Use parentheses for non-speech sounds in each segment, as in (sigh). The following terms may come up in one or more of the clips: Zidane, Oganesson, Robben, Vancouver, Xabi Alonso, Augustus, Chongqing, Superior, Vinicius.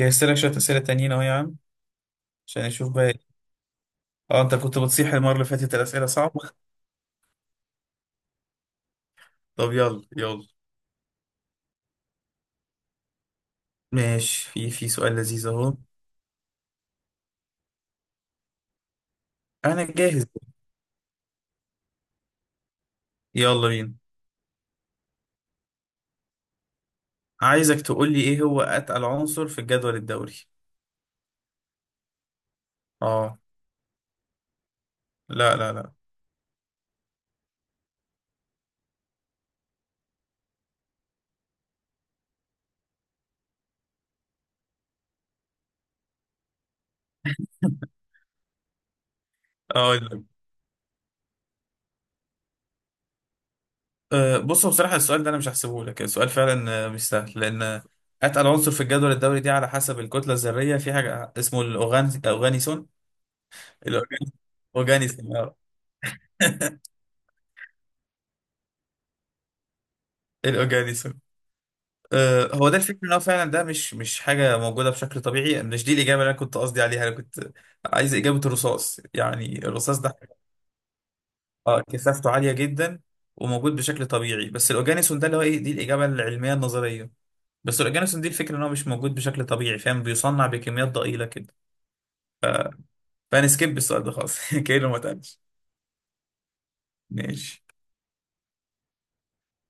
جهزت لك شوية أسئلة تانيين أهو يا عم عشان نشوف بقى إيه. اه، أنت كنت بتصيح المرة اللي فاتت الأسئلة صعبة. طب يلا يلا. ماشي، في سؤال لذيذ أهو. أنا جاهز. يلا بينا. عايزك تقول لي إيه هو أتقل عنصر في الجدول الدوري. اه. لا لا لا. أقول لك. أه، بص، هو بصراحة السؤال ده أنا مش هحسبه لك. السؤال فعلا مش سهل، لأن أتقل عنصر في الجدول الدوري دي على حسب الكتلة الذرية في حاجة اسمه الأوغان أوغانيسون. الأوغانيسون آه. (laughs) الأوغانيسون هو ده الفكرة، ان هو فعلا ده مش حاجة موجودة بشكل طبيعي. مش دي الإجابة اللي أنا كنت قصدي عليها. أنا كنت عايز إجابة الرصاص، يعني الرصاص ده اه كثافته عالية جدا وموجود بشكل طبيعي. بس الأوجانيسون ده اللي هو إيه، دي الإجابة العلمية النظرية. بس الأوجانيسون دي الفكرة ان هو مش موجود بشكل طبيعي، فاهم، بيصنع بكميات ضئيلة كده. فأنا سكيب السؤال ده خالص (laughs) كأنه ما اتقالش. ماشي،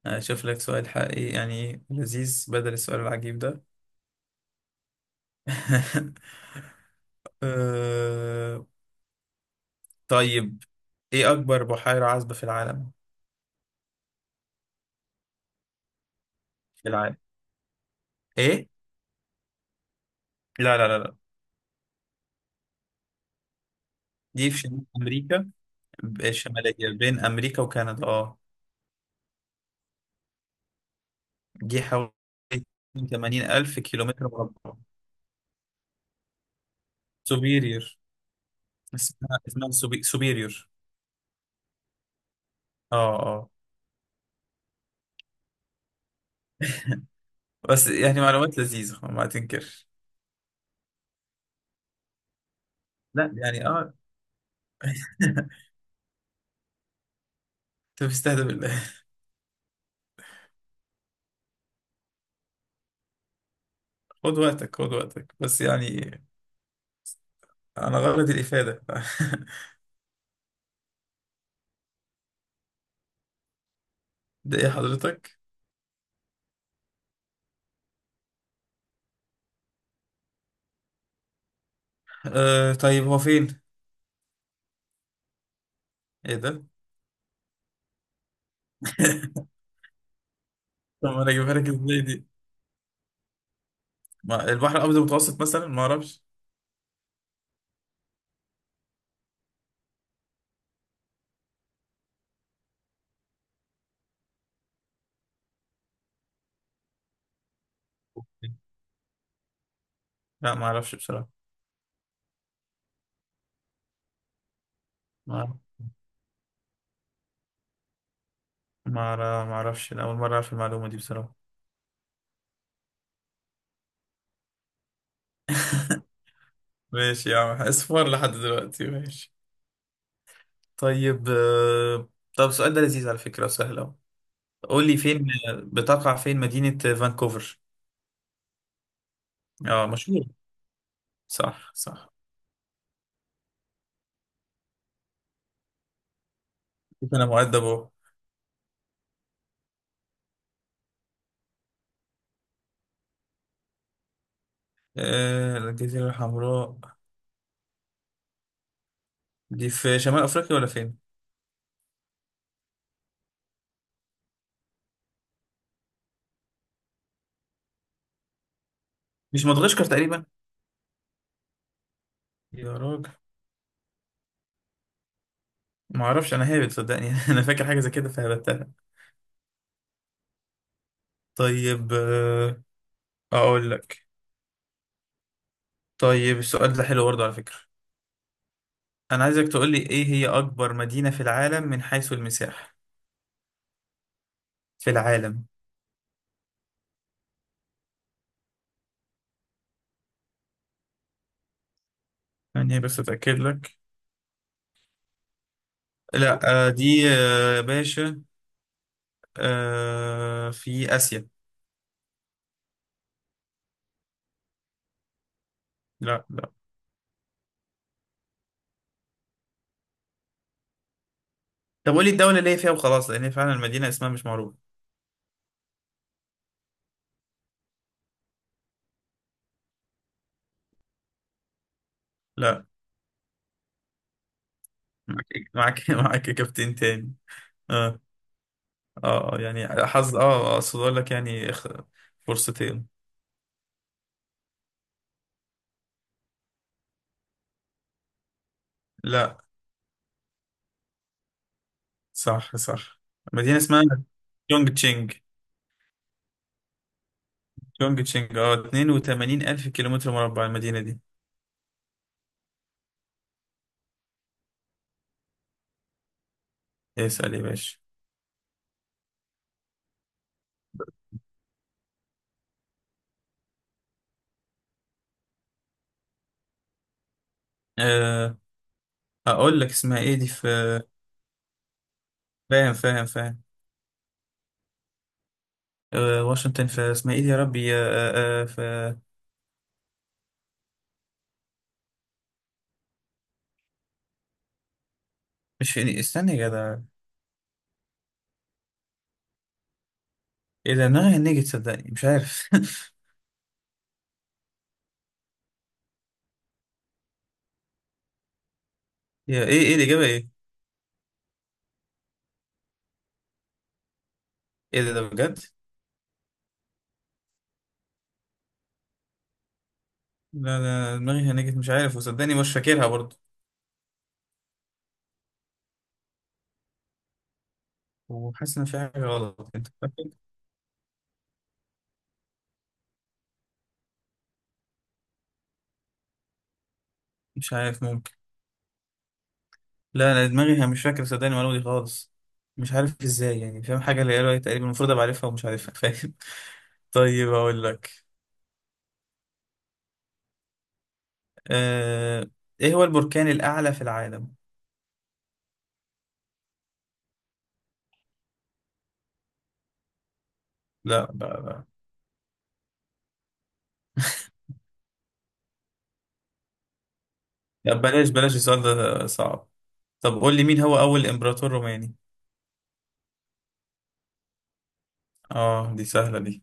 أشوف لك سؤال حقيقي يعني لذيذ بدل السؤال العجيب ده. (laughs) آه، طيب، ايه اكبر بحيرة عذبة في العالم. في العالم، ايه. لا لا لا لا. دي في شمال امريكا. الشمالية، بين امريكا وكندا اه. دي حوالي 80 الف كيلومتر مربع. سوبيريور. اسمها اسمها سوبيريور. اه اه. بس يعني معلومات لذيذة ما تنكر. لا يعني اه. (laughs) انت بتستهدف بالله. خد وقتك خد وقتك، بس يعني انا غرض الافادة. (laughs) ده ايه حضرتك. آه، طيب هو فين. ايه ده. (laughs) طب انا اجيبها لك ازاي دي. البحر الابيض المتوسط مثلا، ما اعرفش. لا ما اعرفش بصراحه. ما ما اعرفش، أنا اول مره اعرف المعلومه دي بصراحه. (laughs) ماشي يا عم، اصفر لحد دلوقتي ماشي. طيب طب السؤال ده لذيذ على فكره وسهل اهو. قول لي فين بتقع، فين مدينه فانكوفر. اه، مشهور. صح صح. شوف انا مؤدب اهو. الجزيره الحمراء دي في شمال افريقيا ولا فين. مش مدغشقر تقريبا. يا راجل. ما اعرفش، انا هابت صدقني. (laughs) انا فاكر حاجه زي كده فهبتها. طيب اقول لك. طيب السؤال ده حلو برضه على فكرة. انا عايزك تقول لي ايه هي اكبر مدينة في العالم من حيث المساحة. في العالم. يعني بس اتاكد لك. لا، دي يا باشا، في اسيا. لا لا. طب قول لي الدولة اللي هي فيها وخلاص، لان هي فعلا المدينة اسمها مش معروف. لا. معاك إيه؟ معاك (laughs) معاك كابتن تاني. اه اه، يعني حظ، اه اقصد اقول لك يعني فرصتين. لا. صح صح. مدينة اسمها يونج تشينج. تشونج تشينج، اه، 82 ألف كيلومتر مربع المدينة دي. اسأل يا باشا. أه، أقول لك اسمها إيه دي، في فاهم. أه، واشنطن في اسمها إيه دي يا ربي، أه أه في، مش في استنى يا جدع. إيه ده، دماغي نيجي تصدقني مش عارف. (laughs) يا إيه، إيه الإجابة إيه؟ إيه ده، ده بجد؟ لا ده دماغي هنجت مش عارف، وصدقني مش فاكرها برضه، وحاسس إن في حاجة غلط، أنت فاكر؟ مش عارف، ممكن. لا انا دماغي مش فاكر صدقني المعلومه دي خالص. مش عارف ازاي يعني، فاهم حاجه اللي قالها تقريبا، المفروض ابقى عارفها ومش عارفها. (laughs) فاهم. طيب اقول لك. آه... ايه هو البركان الاعلى في العالم. لا لا بلاش بلاش، السؤال ده صعب. طب قول لي مين هو اول امبراطور روماني. اه دي سهله دي.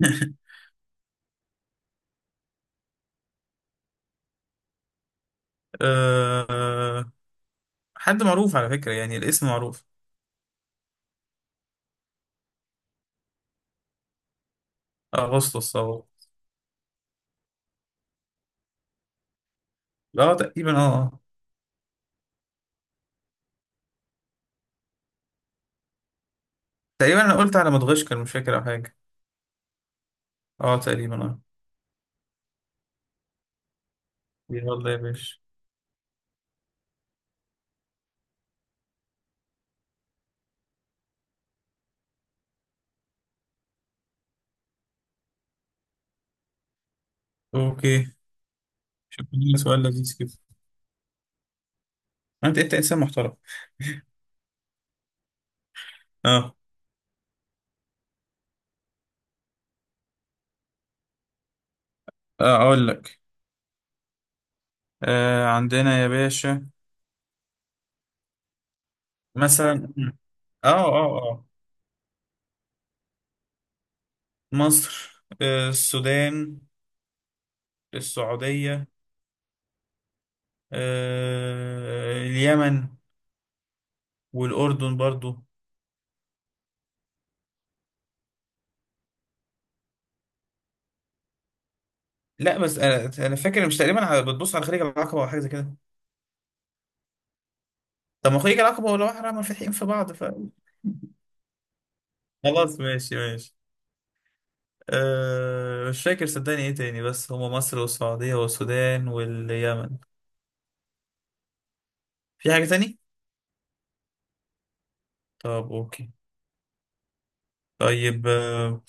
(laughs) آه... حد معروف على فكره، يعني الاسم معروف. اغسطس او. اه تقريبا اه آه. تقريبا انا قلت على مدغشقر مش فاكر او حاجه. اه تقريبا اه. يلا يا باشا. اوكي. شكراً، سؤال لذيذ كده. انت انسان محترم. اه اه، اقول لك. آه، عندنا يا باشا. مثلا اه اه اه مصر، آه السودان، السعودية، آه اليمن، والأردن برضو. لا بس انا فاكر مش تقريبا بتبص على خليج العقبة او حاجة زي كده. طب ما خليج العقبة والبحر منفتحين في بعض ف. خلاص ماشي ماشي. آه مش فاكر صدقني ايه تاني، بس هما مصر والسعودية والسودان واليمن. في حاجة تاني؟ طب اوكي. طيب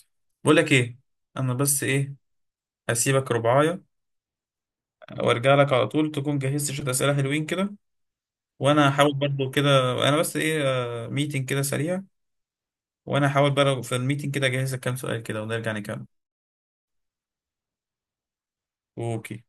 بقول لك ايه، انا بس ايه، هسيبك ربعايه وارجع لك على طول، تكون جهزت شويه اسئله حلوين كده، وانا هحاول برضو كده. انا بس ايه، ميتنج كده سريع، وانا هحاول بقى في الميتنج كده اجهز لك كام سؤال كده ونرجع نكمل. اوكي